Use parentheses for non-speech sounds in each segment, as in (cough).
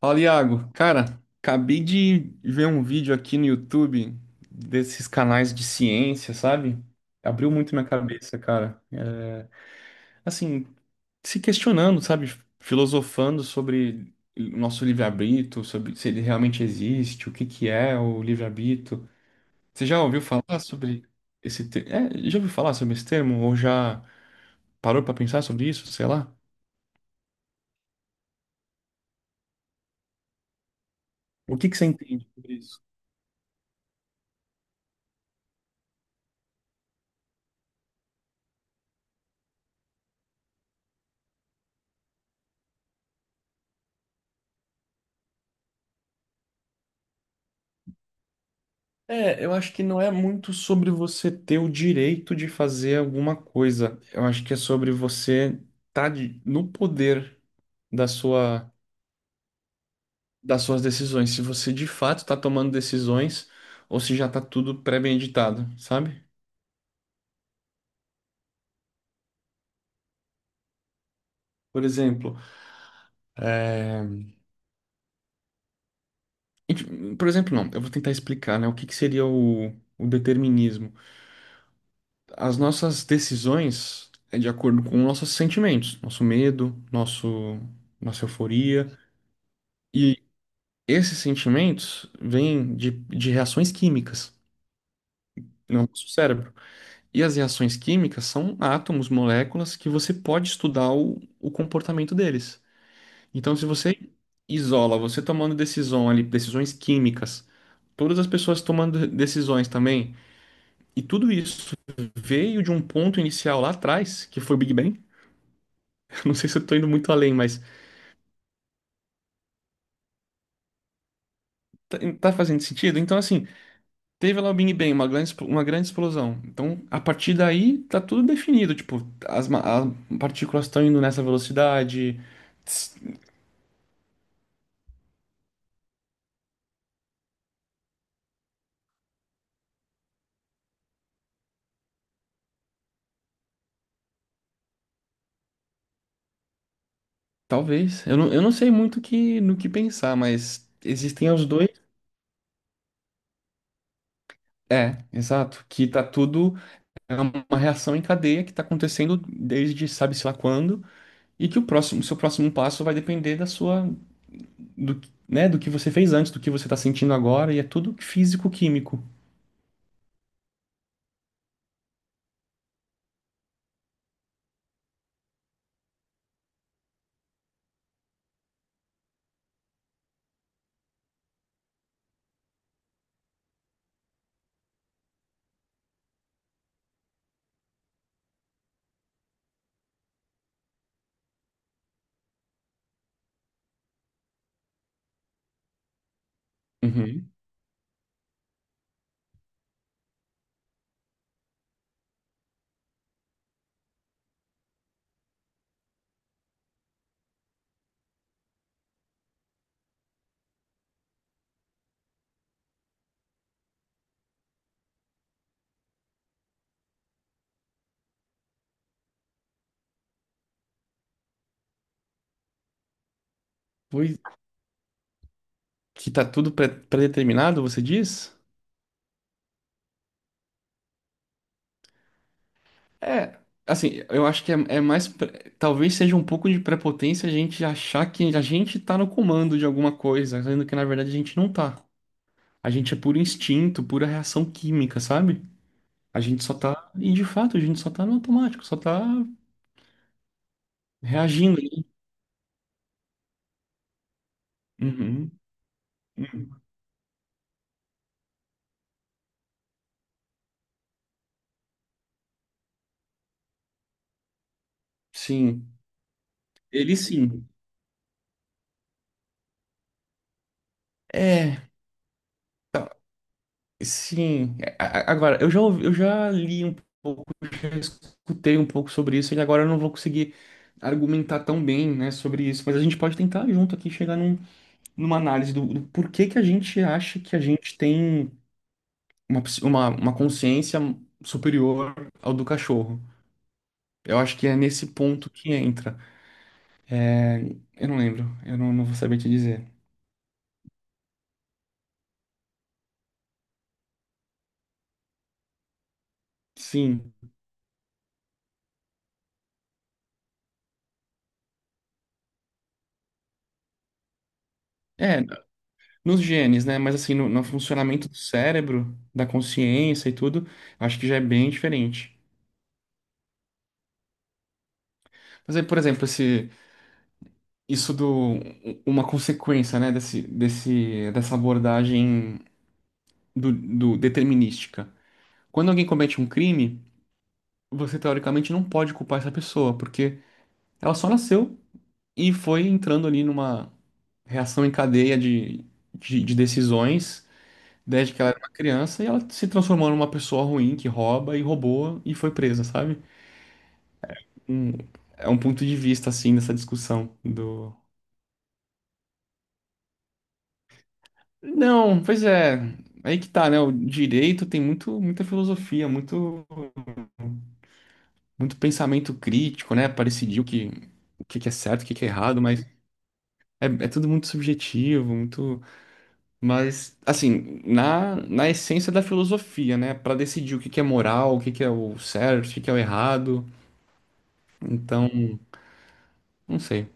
Fala, Iago. Cara, acabei de ver um vídeo aqui no YouTube desses canais de ciência, sabe? Abriu muito minha cabeça, cara. É, assim, se questionando, sabe? Filosofando sobre o nosso livre-arbítrio, sobre se ele realmente existe, o que que é o livre-arbítrio. Você já ouviu falar sobre esse termo? Já ouviu falar sobre esse termo? Ou já parou pra pensar sobre isso? Sei lá. O que que você entende sobre isso? É, eu acho que não é muito sobre você ter o direito de fazer alguma coisa. Eu acho que é sobre você estar no poder da sua, das suas decisões. Se você de fato está tomando decisões ou se já está tudo pré-meditado, sabe? Por exemplo, é, e, por exemplo, não, eu vou tentar explicar, né, o que que seria o determinismo. As nossas decisões é de acordo com nossos sentimentos, nosso medo, nossa euforia. Esses sentimentos vêm de reações químicas no nosso cérebro. E as reações químicas são átomos, moléculas que você pode estudar o comportamento deles. Então, se você isola, você tomando decisão ali, decisões químicas, todas as pessoas tomando decisões também, e tudo isso veio de um ponto inicial lá atrás, que foi o Big Bang. (laughs) Não sei se eu estou indo muito além, mas tá fazendo sentido? Então, assim. Teve lá o Big Bang, uma grande explosão. Então, a partir daí, tá tudo definido. Tipo, as partículas estão indo nessa velocidade. Tss, Talvez. Eu não sei muito que, no que pensar, mas existem os dois. É, exato. Que tá tudo. É uma reação em cadeia que tá acontecendo desde sabe-se lá quando. E que seu próximo passo vai depender da sua. Né, do que você fez antes, do que você tá sentindo agora. E é tudo físico-químico. Uhum. Pois Que tá tudo pré-determinado, você diz? É, assim, eu acho que é mais. Talvez seja um pouco de prepotência a gente achar que a gente tá no comando de alguma coisa, sendo que na verdade a gente não tá. A gente é puro instinto, pura reação química, sabe? A gente só tá. E de fato, a gente só tá no automático, só tá reagindo ali. Uhum. Sim. Ele sim. É. Sim, agora eu já li um pouco, já escutei um pouco sobre isso e agora eu não vou conseguir argumentar tão bem, né, sobre isso, mas a gente pode tentar junto aqui chegar numa análise do porquê que a gente acha que a gente tem uma consciência superior ao do cachorro. Eu acho que é nesse ponto que entra. Eu não lembro, eu não vou saber te dizer. Sim. É nos genes, né? Mas assim, no funcionamento do cérebro, da consciência e tudo, acho que já é bem diferente. Mas aí, por exemplo, isso do, uma consequência, né, dessa abordagem do determinística. Quando alguém comete um crime, você teoricamente não pode culpar essa pessoa, porque ela só nasceu e foi entrando ali numa reação em cadeia de decisões. Desde que ela era uma criança e ela se transformou numa pessoa ruim que rouba e roubou e foi presa, sabe? um, é um ponto de vista, assim, nessa discussão do... Não, pois é, aí que tá, né? O direito tem muita filosofia, muito, muito pensamento crítico, né? Para decidir o que que é certo, o que que é errado, mas é tudo muito subjetivo, Mas, assim, na essência da filosofia, né? Para decidir o que que é moral, o que que é o certo, o que que é o errado, então, não sei.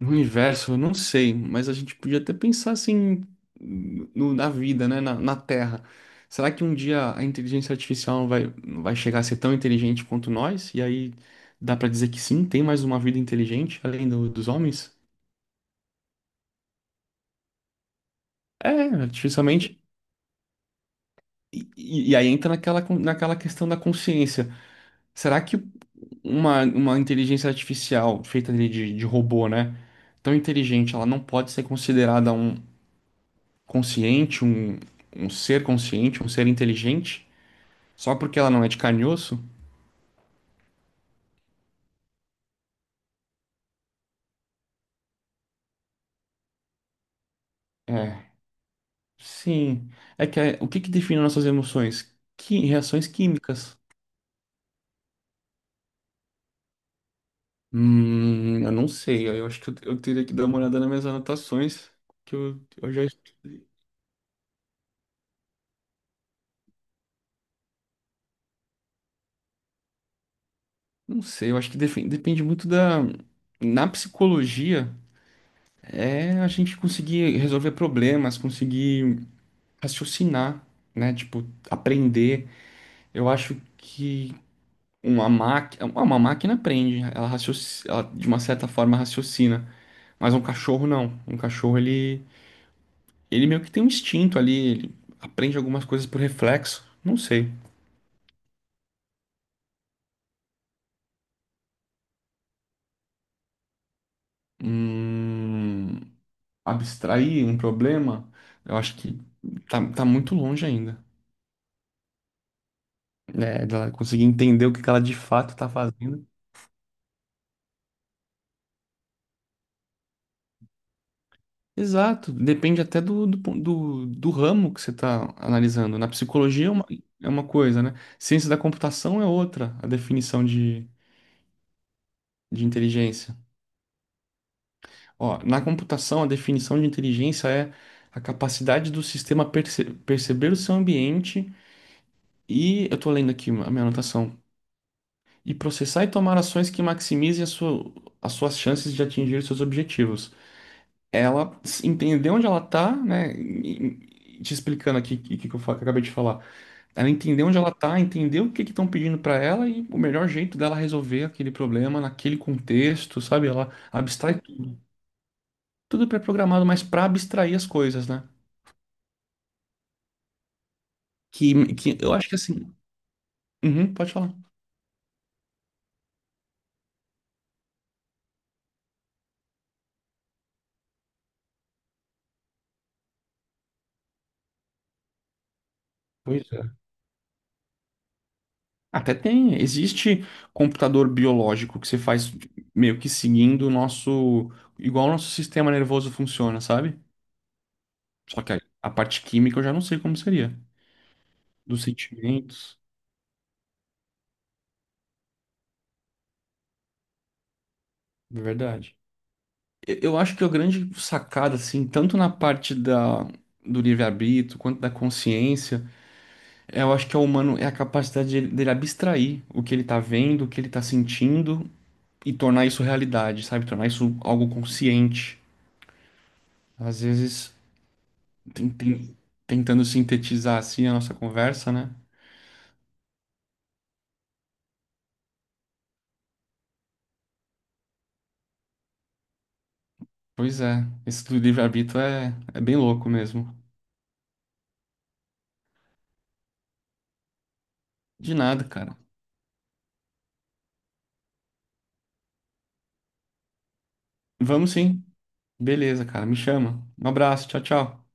No universo, eu não sei, mas a gente podia até pensar assim na vida, né? Na Terra. Será que um dia a inteligência artificial vai chegar a ser tão inteligente quanto nós? E aí dá pra dizer que sim, tem mais uma vida inteligente além dos homens? É, artificialmente. E aí entra naquela, naquela questão da consciência. Será que uma inteligência artificial feita ali de robô, né? Tão inteligente, ela não pode ser considerada consciente, um, um ser consciente, um ser inteligente, só porque ela não é de carne e osso? É, sim. O que que define nossas emoções? Que reações químicas? Eu não sei. Eu acho que eu teria que dar uma olhada nas minhas anotações, que eu já não sei. Eu acho que depende muito da na psicologia é a gente conseguir resolver problemas, conseguir raciocinar, né? Tipo, aprender. Eu acho que uma máquina aprende, ela de uma certa forma raciocina, mas um cachorro não. Um cachorro ele meio que tem um instinto ali, ele aprende algumas coisas por reflexo, não sei. Hum, abstrair um problema, eu acho que tá muito longe ainda, né, dela conseguir entender o que que ela de fato tá fazendo. Exato, depende até do ramo que você está analisando. Na psicologia é uma coisa, né? Ciência da computação é outra, a definição de inteligência. Ó, na computação, a definição de inteligência é a capacidade do sistema perceber o seu ambiente e, eu estou lendo aqui a minha anotação, e processar e tomar ações que maximizem a sua, as suas chances de atingir seus objetivos. Entender onde ela está, né? Te explicando aqui o que, que eu que eu acabei de falar. Ela entender onde ela tá, entender o que que estão pedindo para ela e o melhor jeito dela resolver aquele problema naquele contexto, sabe? Ela abstrai tudo. Tudo pré-programado, mas para abstrair as coisas, né? Que eu acho que assim. Uhum, pode falar. Pois é. Até tem, existe computador biológico que você faz meio que seguindo o nosso, igual o nosso sistema nervoso funciona, sabe? Só que a parte química eu já não sei como seria, dos sentimentos, de verdade. Eu acho que a grande sacada, assim, tanto na parte do livre-arbítrio quanto da consciência, é, eu acho que é o humano é a capacidade dele abstrair o que ele tá vendo, o que ele tá sentindo e tornar isso realidade, sabe? Tornar isso algo consciente. Às vezes, tem- tem- tentando sintetizar assim a nossa conversa, né? Pois é, esse do livre-arbítrio é bem louco mesmo. De nada, cara. Vamos sim. Beleza, cara. Me chama. Um abraço. Tchau, tchau.